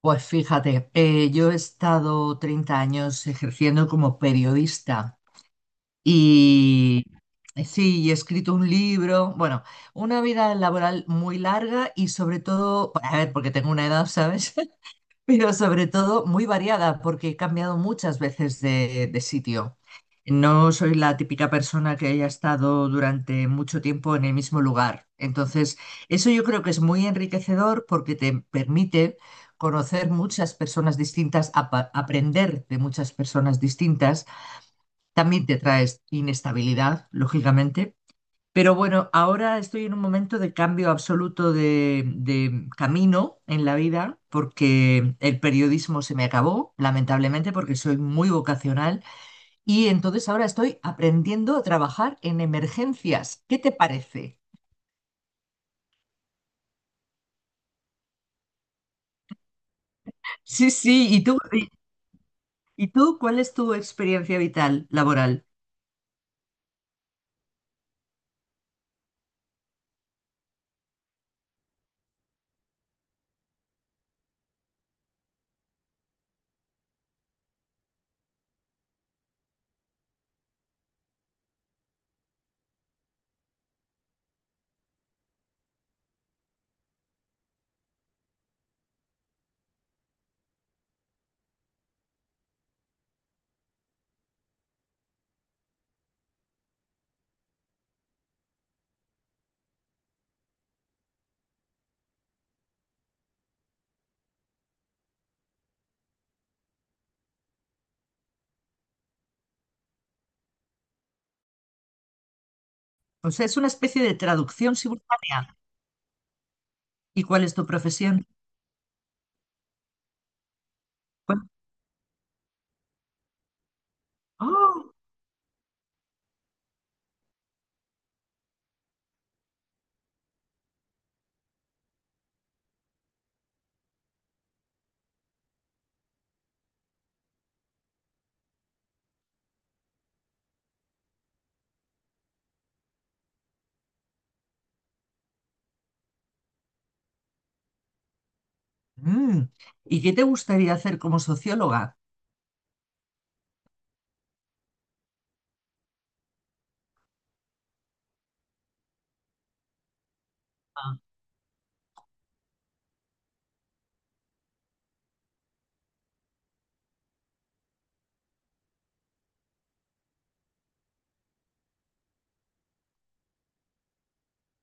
Pues fíjate, yo he estado 30 años ejerciendo como periodista y sí, y he escrito un libro, bueno, una vida laboral muy larga y sobre todo, a ver, porque tengo una edad, ¿sabes? Pero sobre todo muy variada, porque he cambiado muchas veces de sitio. No soy la típica persona que haya estado durante mucho tiempo en el mismo lugar. Entonces, eso yo creo que es muy enriquecedor porque te permite conocer muchas personas distintas, aprender de muchas personas distintas. También te traes inestabilidad, lógicamente, pero bueno, ahora estoy en un momento de cambio absoluto de camino en la vida porque el periodismo se me acabó, lamentablemente, porque soy muy vocacional y entonces ahora estoy aprendiendo a trabajar en emergencias. ¿Qué te parece? Sí, sí, y tú cuál es tu experiencia vital laboral? O sea, es una especie de traducción simultánea. ¿Y cuál es tu profesión? ¿Cuál- ¡Oh! Mm. ¿Y qué te gustaría hacer como socióloga?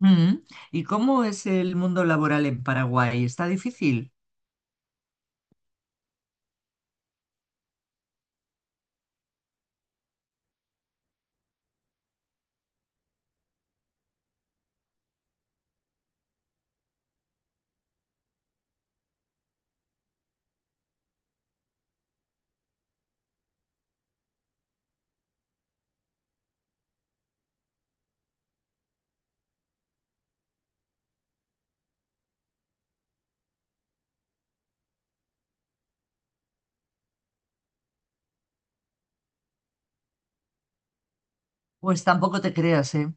Mm. ¿Y cómo es el mundo laboral en Paraguay? ¿Está difícil? Pues tampoco te creas, ¿eh?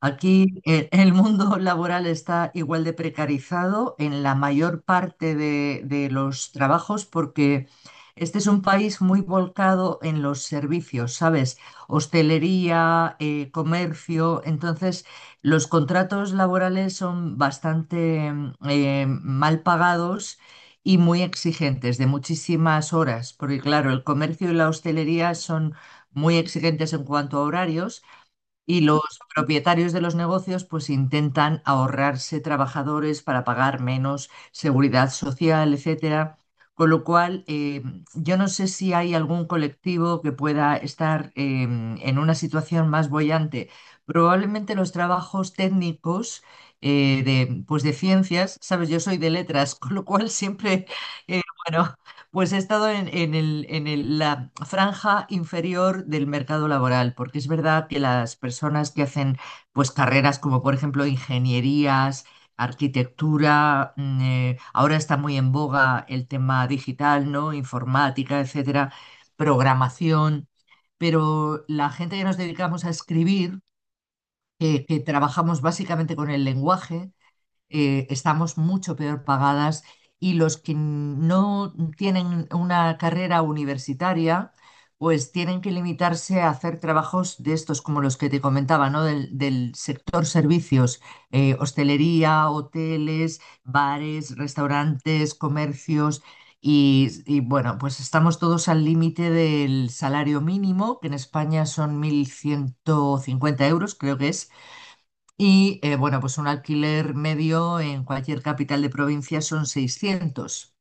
Aquí el mundo laboral está igual de precarizado en la mayor parte de los trabajos porque este es un país muy volcado en los servicios, ¿sabes? Hostelería, comercio, entonces los contratos laborales son bastante mal pagados, y muy exigentes, de muchísimas horas, porque claro, el comercio y la hostelería son muy exigentes en cuanto a horarios, y los propietarios de los negocios pues intentan ahorrarse trabajadores para pagar menos seguridad social, etcétera. Con lo cual, yo no sé si hay algún colectivo que pueda estar en una situación más boyante. Probablemente los trabajos técnicos pues de ciencias, sabes, yo soy de letras, con lo cual siempre, bueno, pues he estado en la franja inferior del mercado laboral, porque es verdad que las personas que hacen pues, carreras como por ejemplo ingenierías, arquitectura, ahora está muy en boga el tema digital, ¿no? Informática, etcétera, programación, pero la gente que nos dedicamos a escribir, que trabajamos básicamente con el lenguaje, estamos mucho peor pagadas y los que no tienen una carrera universitaria, pues tienen que limitarse a hacer trabajos de estos como los que te comentaba, ¿no? Del sector servicios, hostelería, hoteles, bares, restaurantes, comercios. Bueno, pues estamos todos al límite del salario mínimo, que en España son 1.150 euros, creo que es. Y bueno, pues un alquiler medio en cualquier capital de provincia son 600,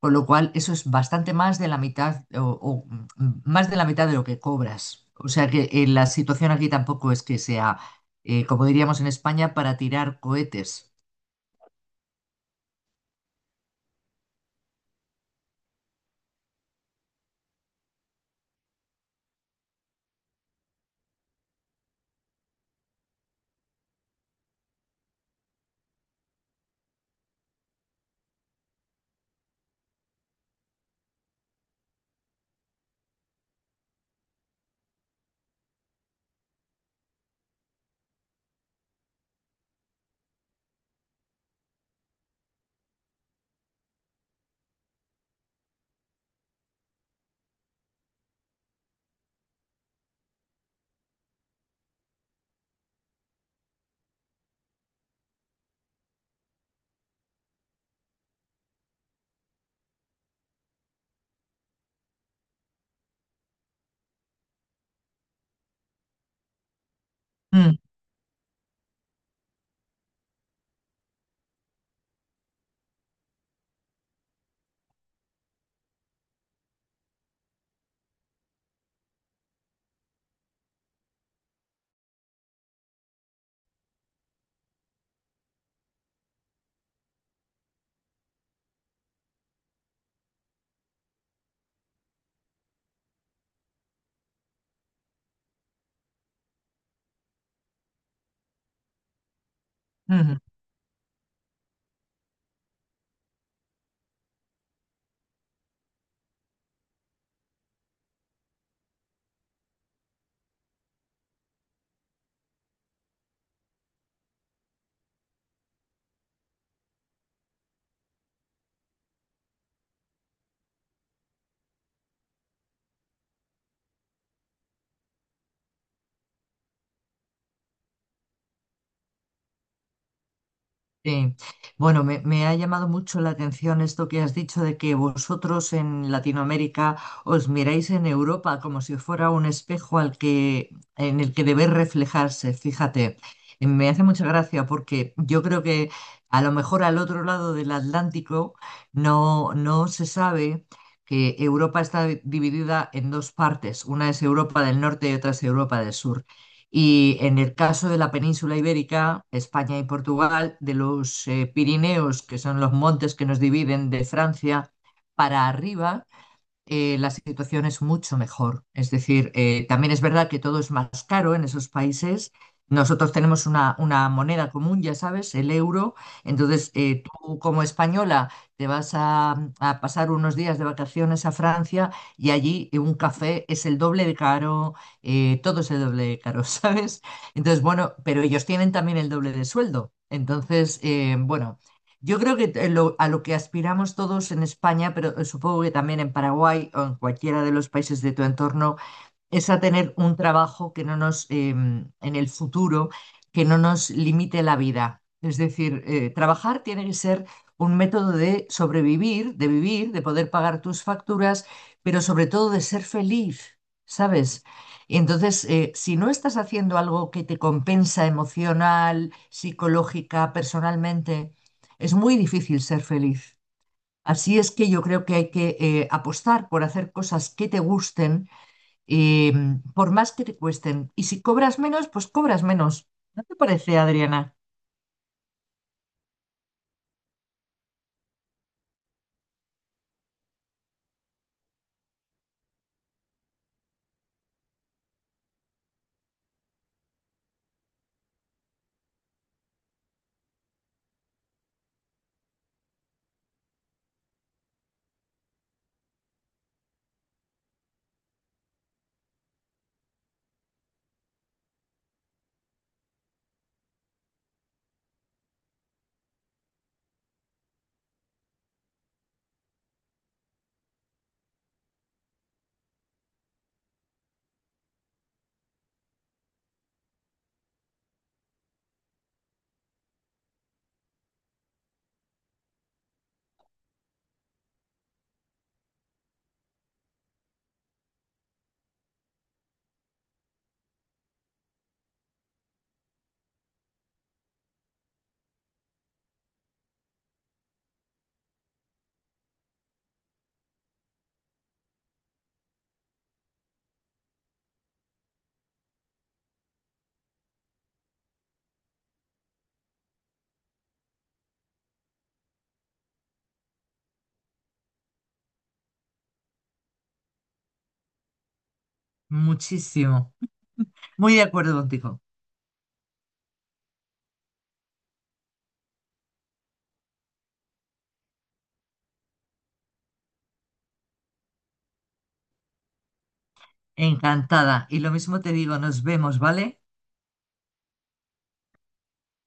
con lo cual eso es bastante más de la mitad o, más de la mitad de lo que cobras. O sea que la situación aquí tampoco es que sea, como diríamos en España, para tirar cohetes. Mm, ujú. Sí. Bueno, me ha llamado mucho la atención esto que has dicho de que vosotros en Latinoamérica os miráis en Europa como si fuera un espejo al que, en el que debéis reflejarse. Fíjate, me hace mucha gracia porque yo creo que a lo mejor al otro lado del Atlántico no se sabe que Europa está dividida en dos partes. Una es Europa del Norte y otra es Europa del Sur. Y en el caso de la península ibérica, España y Portugal, de los Pirineos, que son los montes que nos dividen de Francia, para arriba la situación es mucho mejor. Es decir, también es verdad que todo es más caro en esos países. Nosotros tenemos una moneda común, ya sabes, el euro. Entonces, tú como española te vas a pasar unos días de vacaciones a Francia y allí un café es el doble de caro, todo es el doble de caro, ¿sabes? Entonces, bueno, pero ellos tienen también el doble de sueldo. Entonces, bueno, yo creo que a lo que aspiramos todos en España, pero supongo que también en Paraguay o en cualquiera de los países de tu entorno, es a tener un trabajo que no nos, en el futuro, que no nos limite la vida. Es decir, trabajar tiene que ser un método de sobrevivir, de vivir, de poder pagar tus facturas, pero sobre todo de ser feliz, ¿sabes? Entonces, si no estás haciendo algo que te compensa emocional, psicológica, personalmente, es muy difícil ser feliz. Así es que yo creo que hay que apostar por hacer cosas que te gusten eh, por más que te cuesten. Y si cobras menos, pues cobras menos. ¿No te parece, Adriana? Muchísimo. Muy de acuerdo contigo. Encantada. Y lo mismo te digo, nos vemos, ¿vale?